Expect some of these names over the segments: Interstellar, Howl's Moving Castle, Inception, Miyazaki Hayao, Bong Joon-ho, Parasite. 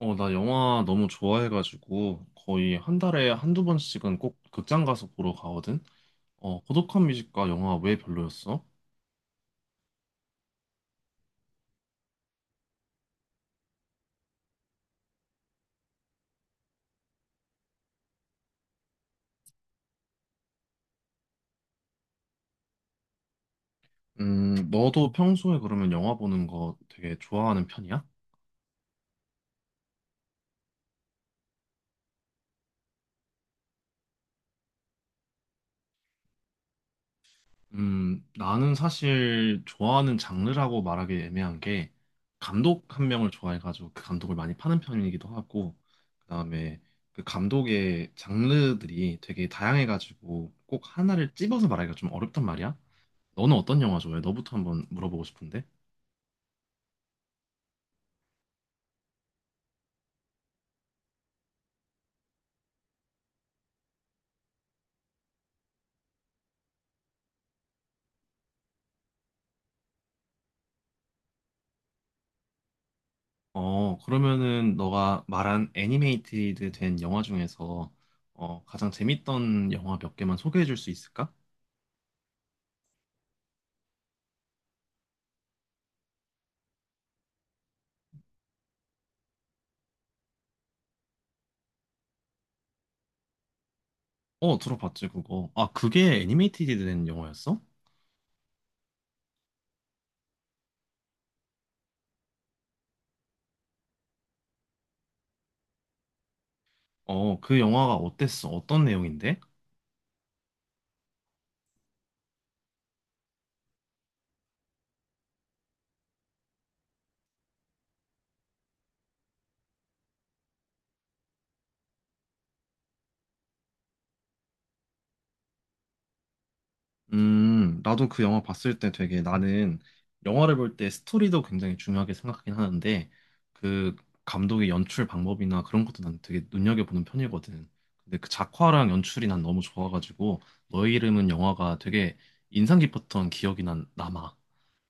나 영화 너무 좋아해가지고 거의 한 달에 한두 번씩은 꼭 극장 가서 보러 가거든. 고독한 뮤직과 영화 왜 별로였어? 너도 평소에 그러면 영화 보는 거 되게 좋아하는 편이야? 나는 사실 좋아하는 장르라고 말하기 애매한 게 감독 한 명을 좋아해가지고 그 감독을 많이 파는 편이기도 하고, 그다음에 그 감독의 장르들이 되게 다양해가지고 꼭 하나를 찝어서 말하기가 좀 어렵단 말이야. 너는 어떤 영화 좋아해? 너부터 한번 물어보고 싶은데. 그러면은 너가 말한 애니메이티드 된 영화 중에서 가장 재밌던 영화 몇 개만 소개해 줄 수 있을까? 어, 들어봤지, 그거. 아, 그게 애니메이티드 된 영화였어? 그 영화가 어땠어? 어떤 내용인데? 나도 그 영화 봤을 때 되게, 나는 영화를 볼 때 스토리도 굉장히 중요하게 생각하긴 하는데, 그 감독의 연출 방법이나 그런 것도 난 되게 눈여겨보는 편이거든. 근데 그 작화랑 연출이 난 너무 좋아가지고 너의 이름은 영화가 되게 인상 깊었던 기억이 난 남아.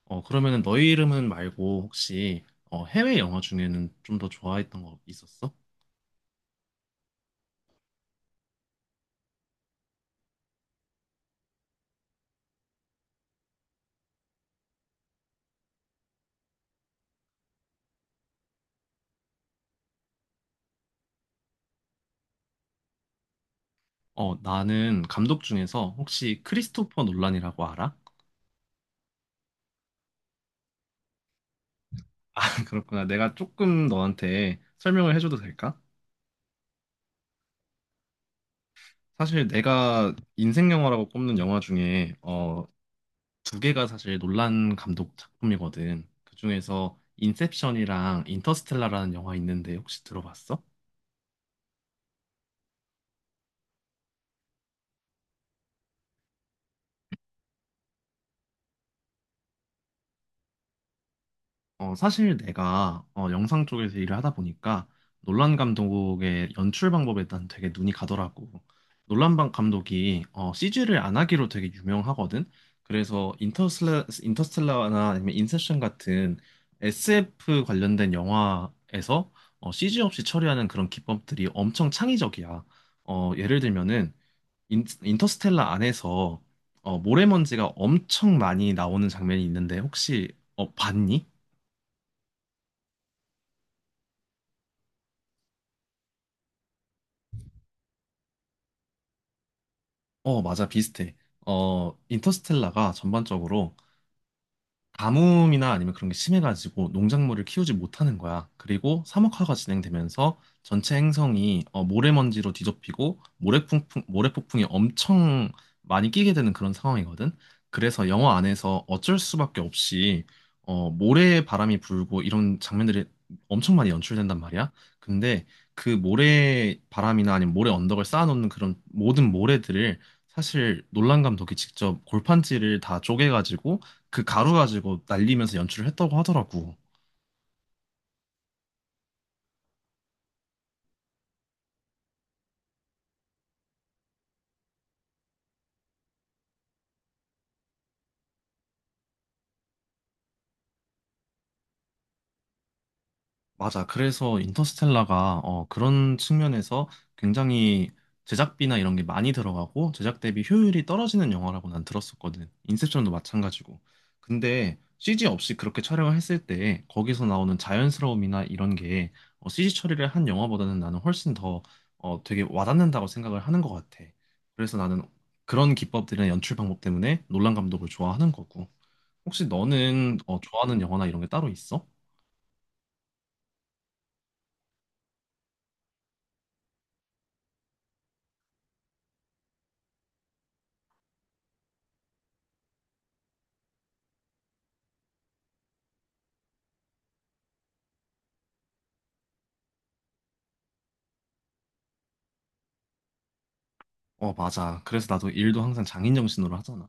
그러면은 너의 이름은 말고 혹시 해외 영화 중에는 좀 더 좋아했던 거 있었어? 나는 감독 중에서 혹시 크리스토퍼 놀란이라고 알아? 그렇구나. 내가 조금 너한테 설명을 해줘도 될까? 사실 내가 인생 영화라고 꼽는 영화 중에 두 개가 사실 논란 감독 작품이거든. 그중에서 인셉션이랑 인터스텔라라는 영화 있는데 혹시 들어봤어? 사실 내가 영상 쪽에서 일을 하다 보니까 놀란 감독의 연출 방법에 난 되게 눈이 가더라고. 놀란 방 감독이 CG를 안 하기로 되게 유명하거든. 그래서 인터스텔라나 아니면 인셉션 같은 SF 관련된 영화에서 CG 없이 처리하는 그런 기법들이 엄청 창의적이야. 예를 들면은 인터스텔라 안에서 모래먼지가 엄청 많이 나오는 장면이 있는데 혹시 봤니? 어, 맞아, 비슷해. 인터스텔라가 전반적으로 가뭄이나 아니면 그런 게 심해가지고 농작물을 키우지 못하는 거야. 그리고 사막화가 진행되면서 전체 행성이 모래먼지로 뒤덮이고, 모래폭풍이 엄청 많이 끼게 되는 그런 상황이거든. 그래서 영화 안에서 어쩔 수밖에 없이 모래 바람이 불고 이런 장면들이 엄청 많이 연출된단 말이야. 근데 그 모래 바람이나 아니면 모래 언덕을 쌓아놓는 그런 모든 모래들을 사실 놀란 감독이 직접 골판지를 다 쪼개가지고 그 가루 가지고 날리면서 연출을 했다고 하더라고. 맞아. 그래서 인터스텔라가 그런 측면에서 굉장히 제작비나 이런 게 많이 들어가고 제작 대비 효율이 떨어지는 영화라고 난 들었었거든. 인셉션도 마찬가지고. 근데 CG 없이 그렇게 촬영을 했을 때 거기서 나오는 자연스러움이나 이런 게 CG 처리를 한 영화보다는 나는 훨씬 더 되게 와닿는다고 생각을 하는 것 같아. 그래서 나는 그런 기법들이나 연출 방법 때문에 놀란 감독을 좋아하는 거고. 혹시 너는 좋아하는 영화나 이런 게 따로 있어? 어, 맞아. 그래서 나도 일도 항상 장인 정신으로 하잖아.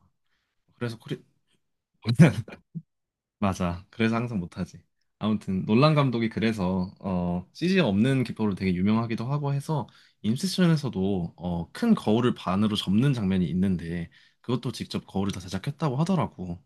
그래서 코리 맞아. 그래서 항상 못하지. 아무튼 놀란 감독이 그래서 CG 없는 기법으로 되게 유명하기도 하고 해서 인셉션에서도 큰 거울을 반으로 접는 장면이 있는데 그것도 직접 거울을 다 제작했다고 하더라고.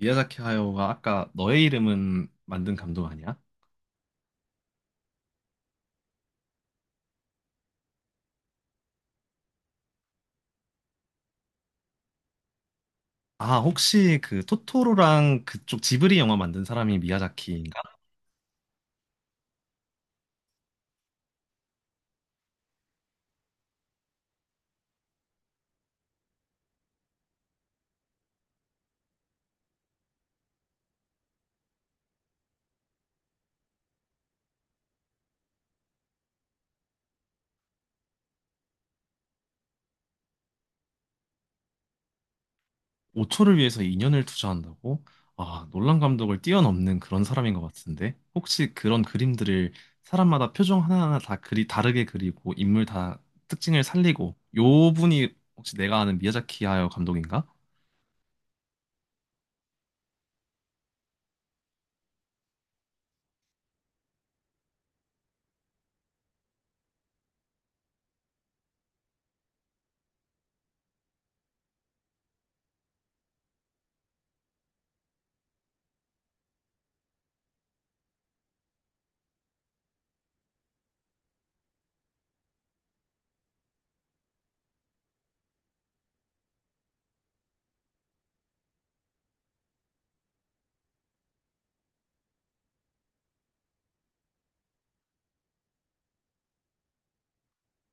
미야자키 하야오가 아까 너의 이름은 만든 감독 아니야? 아, 혹시 그 토토로랑 그쪽 지브리 영화 만든 사람이 미야자키인가? 5초를 위해서 2년을 투자한다고? 아, 놀란 감독을 뛰어넘는 그런 사람인 것 같은데. 혹시 그런 그림들을 사람마다 표정 하나하나 다 그리 다르게 그리고, 인물 다 특징을 살리고, 요 분이 혹시 내가 아는 미야자키 하야 감독인가?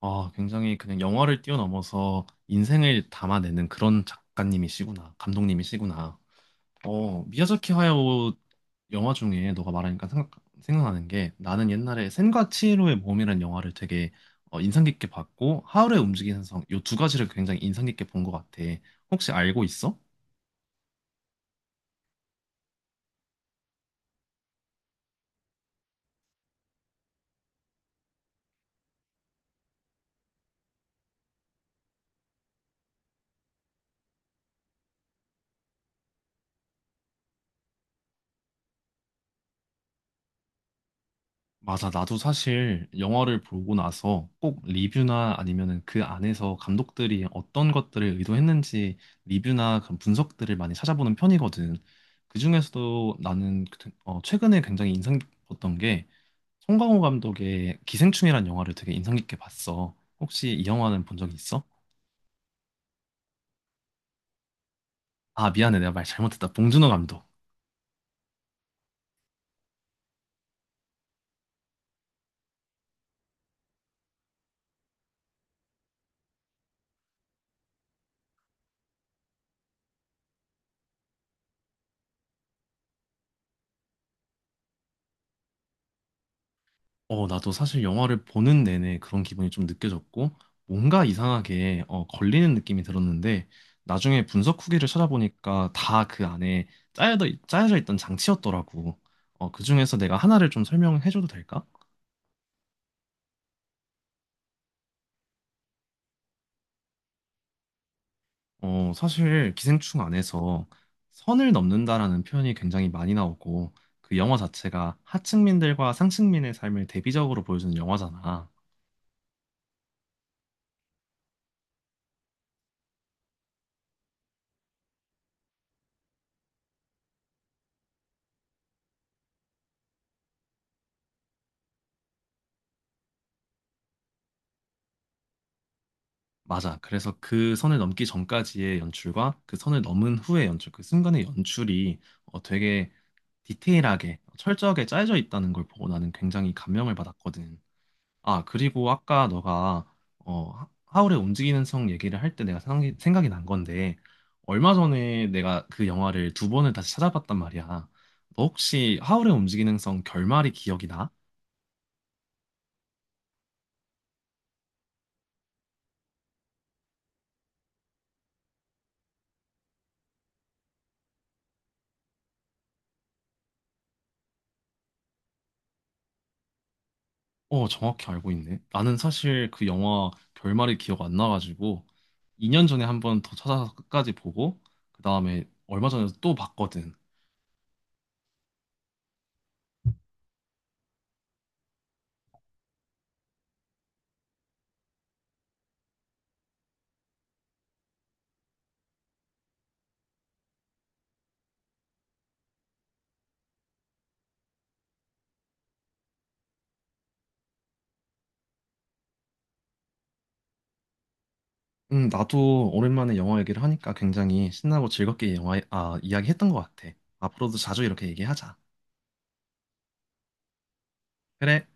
아, 굉장히 그냥 영화를 뛰어넘어서 인생을 담아내는 그런 작가님이시구나. 감독님이시구나. 미야자키 하야오 영화 중에 너가 말하니까 생각나는 게, 나는 옛날에 센과 치히로의 몸이라는 영화를 되게 인상 깊게 봤고, 하울의 움직이는 성, 요 두 가지를 굉장히 인상 깊게 본 것 같아. 혹시 알고 있어? 맞아. 나도 사실 영화를 보고 나서 꼭 리뷰나 아니면은 그 안에서 감독들이 어떤 것들을 의도했는지, 리뷰나 그런 분석들을 많이 찾아보는 편이거든. 그중에서도 나는 최근에 굉장히 인상 깊었던 게, 송강호 감독의 기생충이란 영화를 되게 인상 깊게 봤어. 혹시 이 영화는 본 적 있어? 아, 미안해. 내가 말 잘못했다. 봉준호 감독. 나도 사실 영화를 보는 내내 그런 기분이 좀 느껴졌고, 뭔가 이상하게 걸리는 느낌이 들었는데, 나중에 분석 후기를 찾아보니까 다 그 안에 짜여져 있던 장치였더라고. 그 중에서 내가 하나를 좀 설명해줘도 될까? 사실 기생충 안에서 선을 넘는다라는 표현이 굉장히 많이 나오고, 그 영화 자체가 하층민들과 상층민의 삶을 대비적으로 보여주는 영화잖아. 맞아. 그래서 그 선을 넘기 전까지의 연출과 그 선을 넘은 후의 연출, 그 순간의 연출이 되게 디테일하게 철저하게 짜여져 있다는 걸 보고 나는 굉장히 감명을 받았거든. 아, 그리고 아까 너가 어, 울의 움직이는 성 얘기를 할 때 내가 생각이 난 건데, 얼마 전에 내가 그 영화를 두 번을 다시 찾아봤단 말이야. 너 혹시 하울의 움직이는 성 결말이 기억이 나? 어, 정확히 알고 있네. 나는 사실 그 영화 결말이 기억 안 나가지고 2년 전에 한번 더 찾아서 끝까지 보고 그다음에 얼마 전에 또 봤거든. 나도 오랜만에 영화 얘기를 하니까 굉장히 신나고 즐겁게 영화, 아, 이야기했던 것 같아. 앞으로도 자주 이렇게 얘기하자. 그래.